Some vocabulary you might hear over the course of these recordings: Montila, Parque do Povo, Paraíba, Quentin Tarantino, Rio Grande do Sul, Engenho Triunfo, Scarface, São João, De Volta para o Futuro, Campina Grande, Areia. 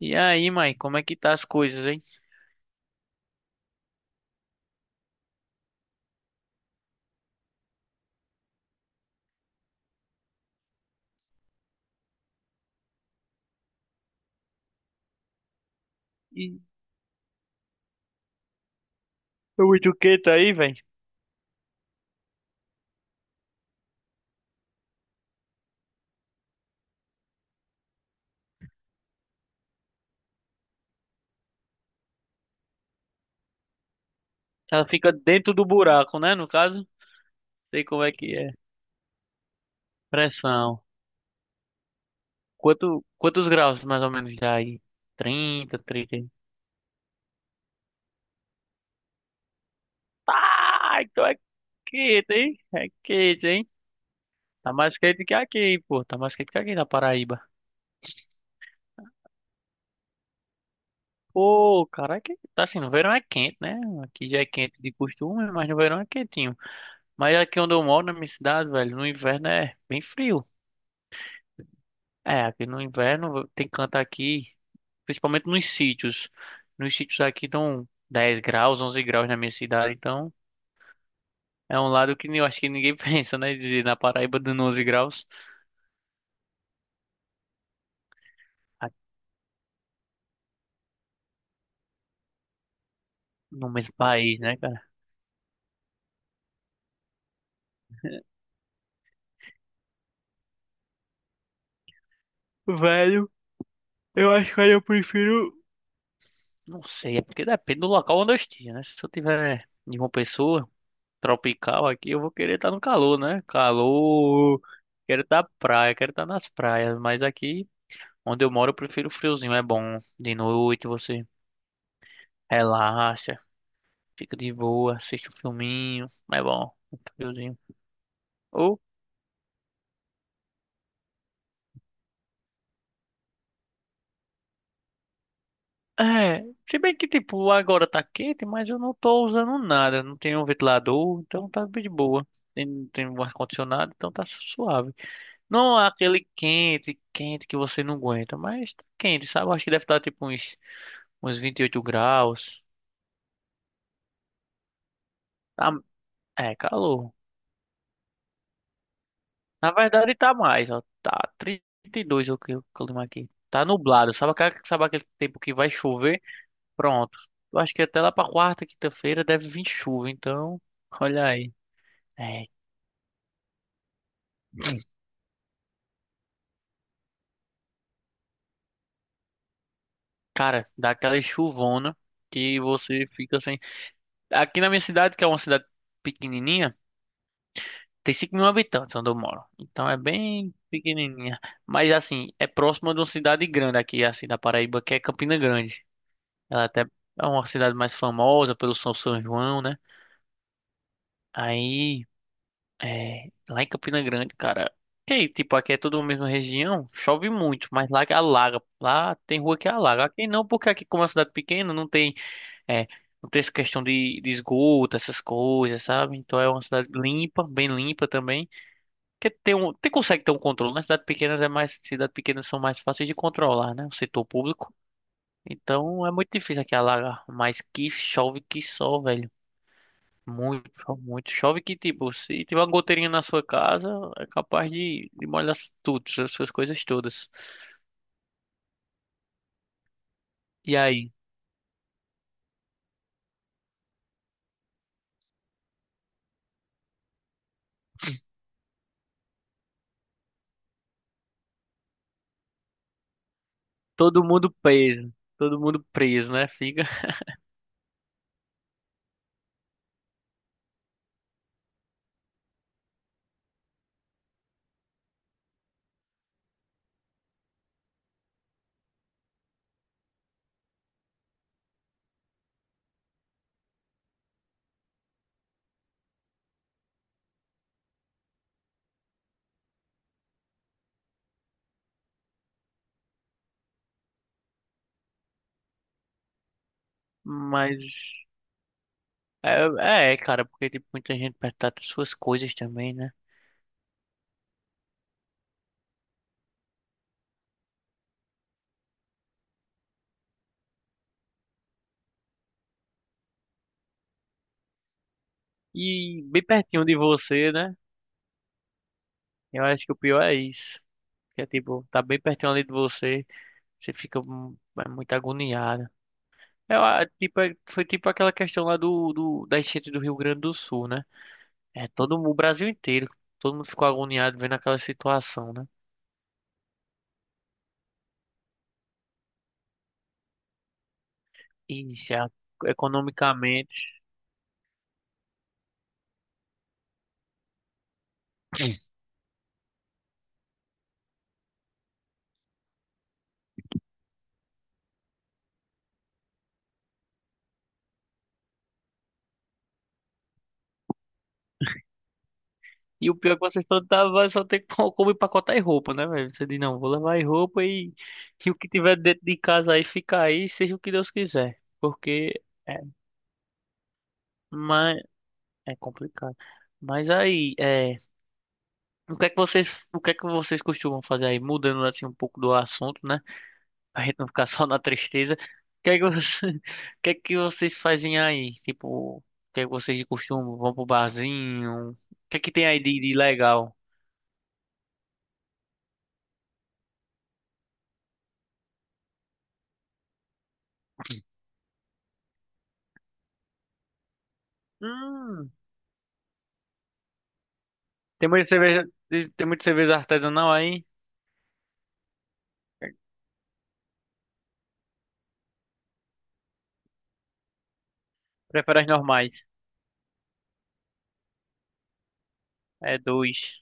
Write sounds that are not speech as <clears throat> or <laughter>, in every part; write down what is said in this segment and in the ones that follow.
E aí, mãe, como é que tá as coisas, hein? E o etiqueta aí, velho? Ela fica dentro do buraco, né? No caso, sei como é que é. Pressão. Quantos graus mais ou menos dá aí? 30, 30. Ah, então é quente, hein? É quente, hein? Tá mais quente que aqui, pô. Tá mais quente que aqui na Paraíba. Pô, cara, que tá assim, no verão é quente, né? Aqui já é quente de costume, mas no verão é quentinho. Mas aqui onde eu moro, na minha cidade, velho, no inverno é bem frio. É, aqui no inverno tem canto aqui, principalmente nos sítios. Nos sítios aqui dão 10 graus, 11 graus na minha cidade, então é um lado que eu acho que ninguém <laughs> pensa, né? Dizer na Paraíba dando 11 graus aqui no mesmo país, né, cara? Velho, eu acho que aí eu prefiro. Não sei, é porque depende do local onde eu esteja, né? Se eu tiver em uma pessoa tropical aqui, eu vou querer estar no calor, né? Calor, quero estar praia, quero estar nas praias, mas aqui. Onde eu moro, eu prefiro o friozinho. É bom. De noite você relaxa, fica de boa, assiste um filminho. É bom. O friozinho. Ou, é. Se bem que, tipo, agora tá quente, mas eu não tô usando nada. Não tenho um ventilador, então tá de boa. Não tem um ar-condicionado, então tá suave. Não é aquele quente, quente que você não aguenta, mas tá quente, sabe? Eu acho que deve estar tipo uns 28 graus. Tá, é calor. Na verdade tá mais, ó. Tá trinta e dois, o que o clima aqui. Tá nublado. Sabe, sabe aquele tempo que vai chover? Pronto. Eu acho que até lá pra quarta, quinta-feira deve vir chuva, então. Olha aí. É. Cara, dá aquela chuvona que você fica sem. Aqui na minha cidade, que é uma cidade pequenininha, tem 5 mil habitantes onde eu moro. Então é bem pequenininha. Mas assim, é próxima de uma cidade grande aqui, assim, da Paraíba, que é Campina Grande. Ela até é uma cidade mais famosa pelo São João, né? Aí, é, lá em Campina Grande, cara. Que, tipo, aqui é tudo a mesma região, chove muito, mas lá que alaga. Lá tem rua que alaga. Aqui não, porque aqui, como é uma cidade pequena, não tem, é, não tem essa questão de esgoto, essas coisas, sabe? Então é uma cidade limpa, bem limpa também. Que tem um, tem, consegue ter um controle. Nas cidades pequenas é mais, cidades pequenas são mais fáceis de controlar, né? O setor público. Então é muito difícil aqui alagar. Mas que chove que só, velho. Muito. Chove que, tipo, se tiver uma goteirinha na sua casa, é capaz de molhar tudo, as suas coisas todas. E aí? <clears throat> Todo mundo preso. Todo mundo preso, né? Fica. Mas é, é, é, cara, porque tipo, muita gente perto das suas coisas também, né? E bem pertinho de você, né? Eu acho que o pior é isso. Que é tipo, tá bem pertinho ali de você, você fica é muito agoniado. É, ah, tipo, foi tipo aquela questão lá da enchente do Rio Grande do Sul, né? É o Brasil inteiro, todo mundo ficou agoniado vendo aquela situação, né? E já economicamente. <clears throat> E o pior é que vocês plantavam vai só ter como empacotar e roupa, né, velho? Você diz, não, vou levar aí roupa e o que tiver dentro de casa aí fica aí, seja o que Deus quiser. Porque é, mas é complicado. Mas aí, é, o que é que vocês costumam fazer aí? Mudando assim um pouco do assunto, né? A gente não ficar só na tristeza. O que é que você- <laughs> o que é que vocês fazem aí? Tipo, o que é que vocês de costume? Vão pro barzinho? O que é que tem aí de legal? Hum, tem muita cerveja, tem muita cerveja artesanal aí? Prefere as normais. É dois.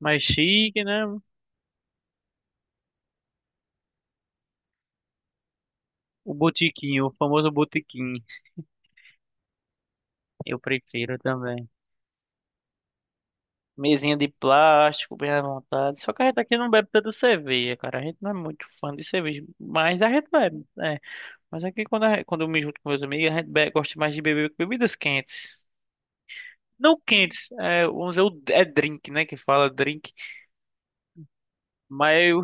Mais chique, né? O botiquinho, o famoso botiquinho. Eu prefiro também. Mesinha de plástico, bem à vontade. Só que a gente aqui não bebe tanta cerveja, cara. A gente não é muito fã de cerveja. Mas a gente bebe, né? Mas aqui quando, quando eu me junto com meus amigos, a gente gosta mais de beber bebidas quentes. Não quentes, é, vamos dizer, é drink, né? Que fala drink. Mas, eu-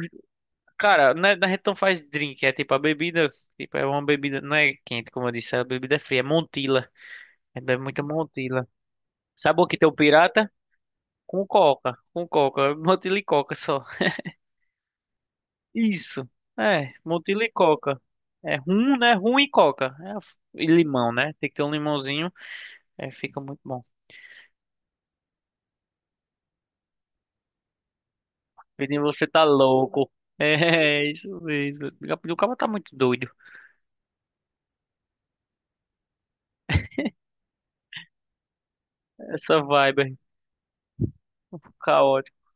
cara, na gente não faz drink, é tipo a bebida, tipo, é uma bebida, não é quente, como eu disse, a bebida é fria, é Montila. A gente bebe muita Montila. Sabe o que tem o pirata? Com coca, <laughs> Montila e coca só. Isso, é, Montila e coca. É rum, né? Rum e coca. É, e limão, né? Tem que ter um limãozinho, é, fica muito bom. Pedrinho, você tá louco. <laughs> É, isso mesmo. O cara tá muito doido. Essa vibe aí, caótico.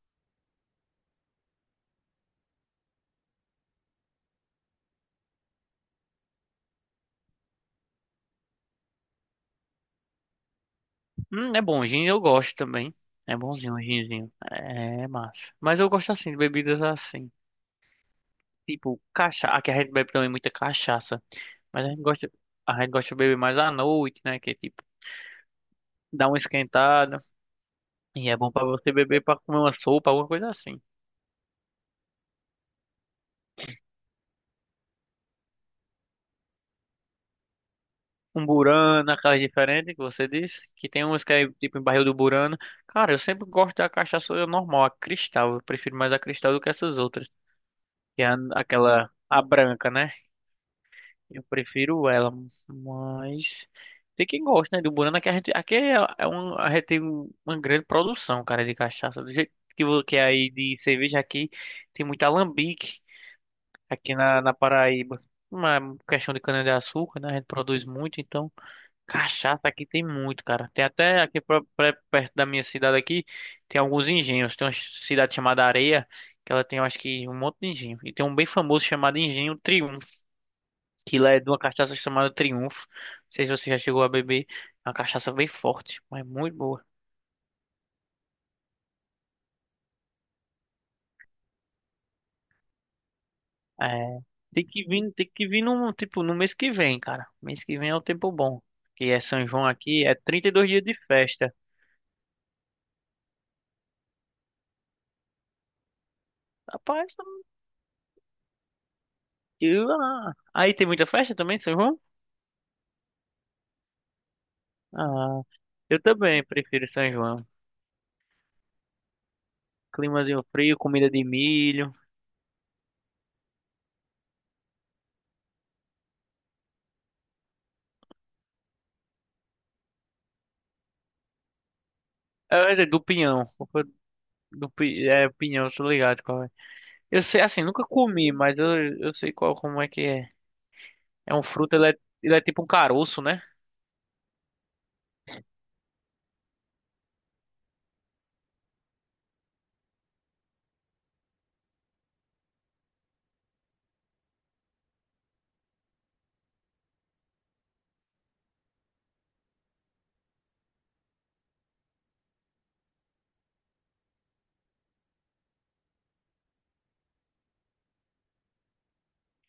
É bom, gin eu gosto também. É bonzinho, o ginzinho. É massa. Mas eu gosto assim, de bebidas assim. Tipo, cachaça. Aqui a gente bebe também muita cachaça. Mas a gente gosta de beber mais à noite, né? Que é tipo, dá uma esquentada. E é bom pra você beber pra comer uma sopa, alguma coisa assim. Um Burana, aquelas diferentes que você disse, que tem uns que é tipo em barril do Burana. Cara, eu sempre gosto da cachaça normal, a cristal. Eu prefiro mais a cristal do que essas outras. Que é aquela, a branca, né? Eu prefiro ela, mas tem quem gosta, né, do Burana, que a gente, aqui é, é um, a gente tem uma grande produção, cara, de cachaça. Do jeito que, que é aí de cerveja aqui, tem muito alambique aqui na Paraíba. Uma questão de cana-de-açúcar, né? A gente produz muito, então. Cachaça aqui tem muito, cara. Tem até aqui perto da minha cidade aqui, tem alguns engenhos. Tem uma cidade chamada Areia, que ela tem, eu acho que, um monte de engenho. E tem um bem famoso chamado Engenho Triunfo, que lá é de uma cachaça chamada Triunfo. Não sei se você já chegou a beber. É uma cachaça bem forte, mas muito boa. É, tem que vir no, tipo, no mês que vem, cara. Mês que vem é o tempo bom. Que é São João aqui, é 32 dias de festa. Rapaz, aí tem muita festa também, São João? Ah, eu também prefiro São João. Climazinho frio, comida de milho. É, é do pinhão. Opa, é pinhão, tô ligado qual é. Eu sei, assim, nunca comi, mas eu sei qual, como é que é. É um fruto, ele é, ele é tipo um caroço, né?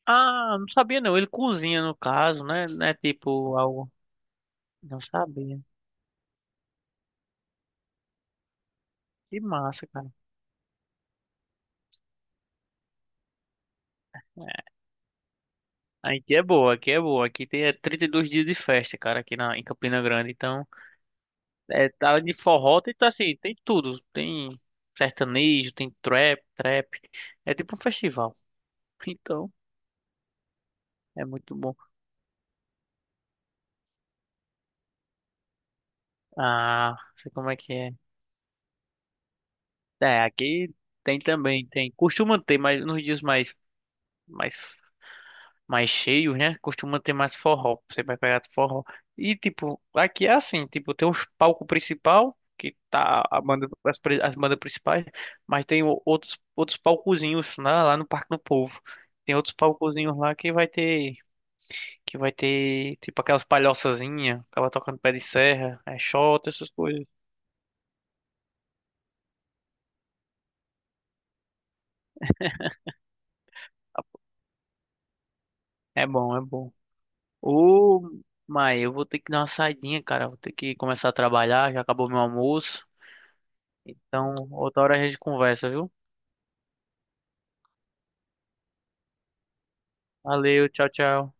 Ah, não sabia não. Ele cozinha, no caso, né? Não é tipo algo... Não sabia. Que massa, cara. Aqui é boa, aqui é boa. Aqui tem é 32 dias de festa, cara, aqui na, em Campina Grande. Então... É, tá de forró, tem, tá assim, tem tudo. Tem sertanejo, tem trap, trap. É tipo um festival. <laughs> Então, é muito bom. Ah, sei como é que é. É, aqui tem também, tem. Costuma ter, mas nos dias mais, mais mais cheios, né? Costuma ter mais forró. Você vai pegar forró. E tipo, aqui é assim, tipo, tem os palco principal, que tá a banda, as, as bandas principais, mas tem outros outros palcozinhos lá, lá no Parque do Povo. Tem outros palcozinhos lá que vai ter tipo aquelas palhoçazinhas, acaba tocando pé de serra, é xota, essas coisas. É bom, é bom. Ô, mas eu vou ter que dar uma saidinha, cara. Vou ter que começar a trabalhar, já acabou meu almoço. Então, outra hora a gente conversa, viu? Valeu, tchau, tchau.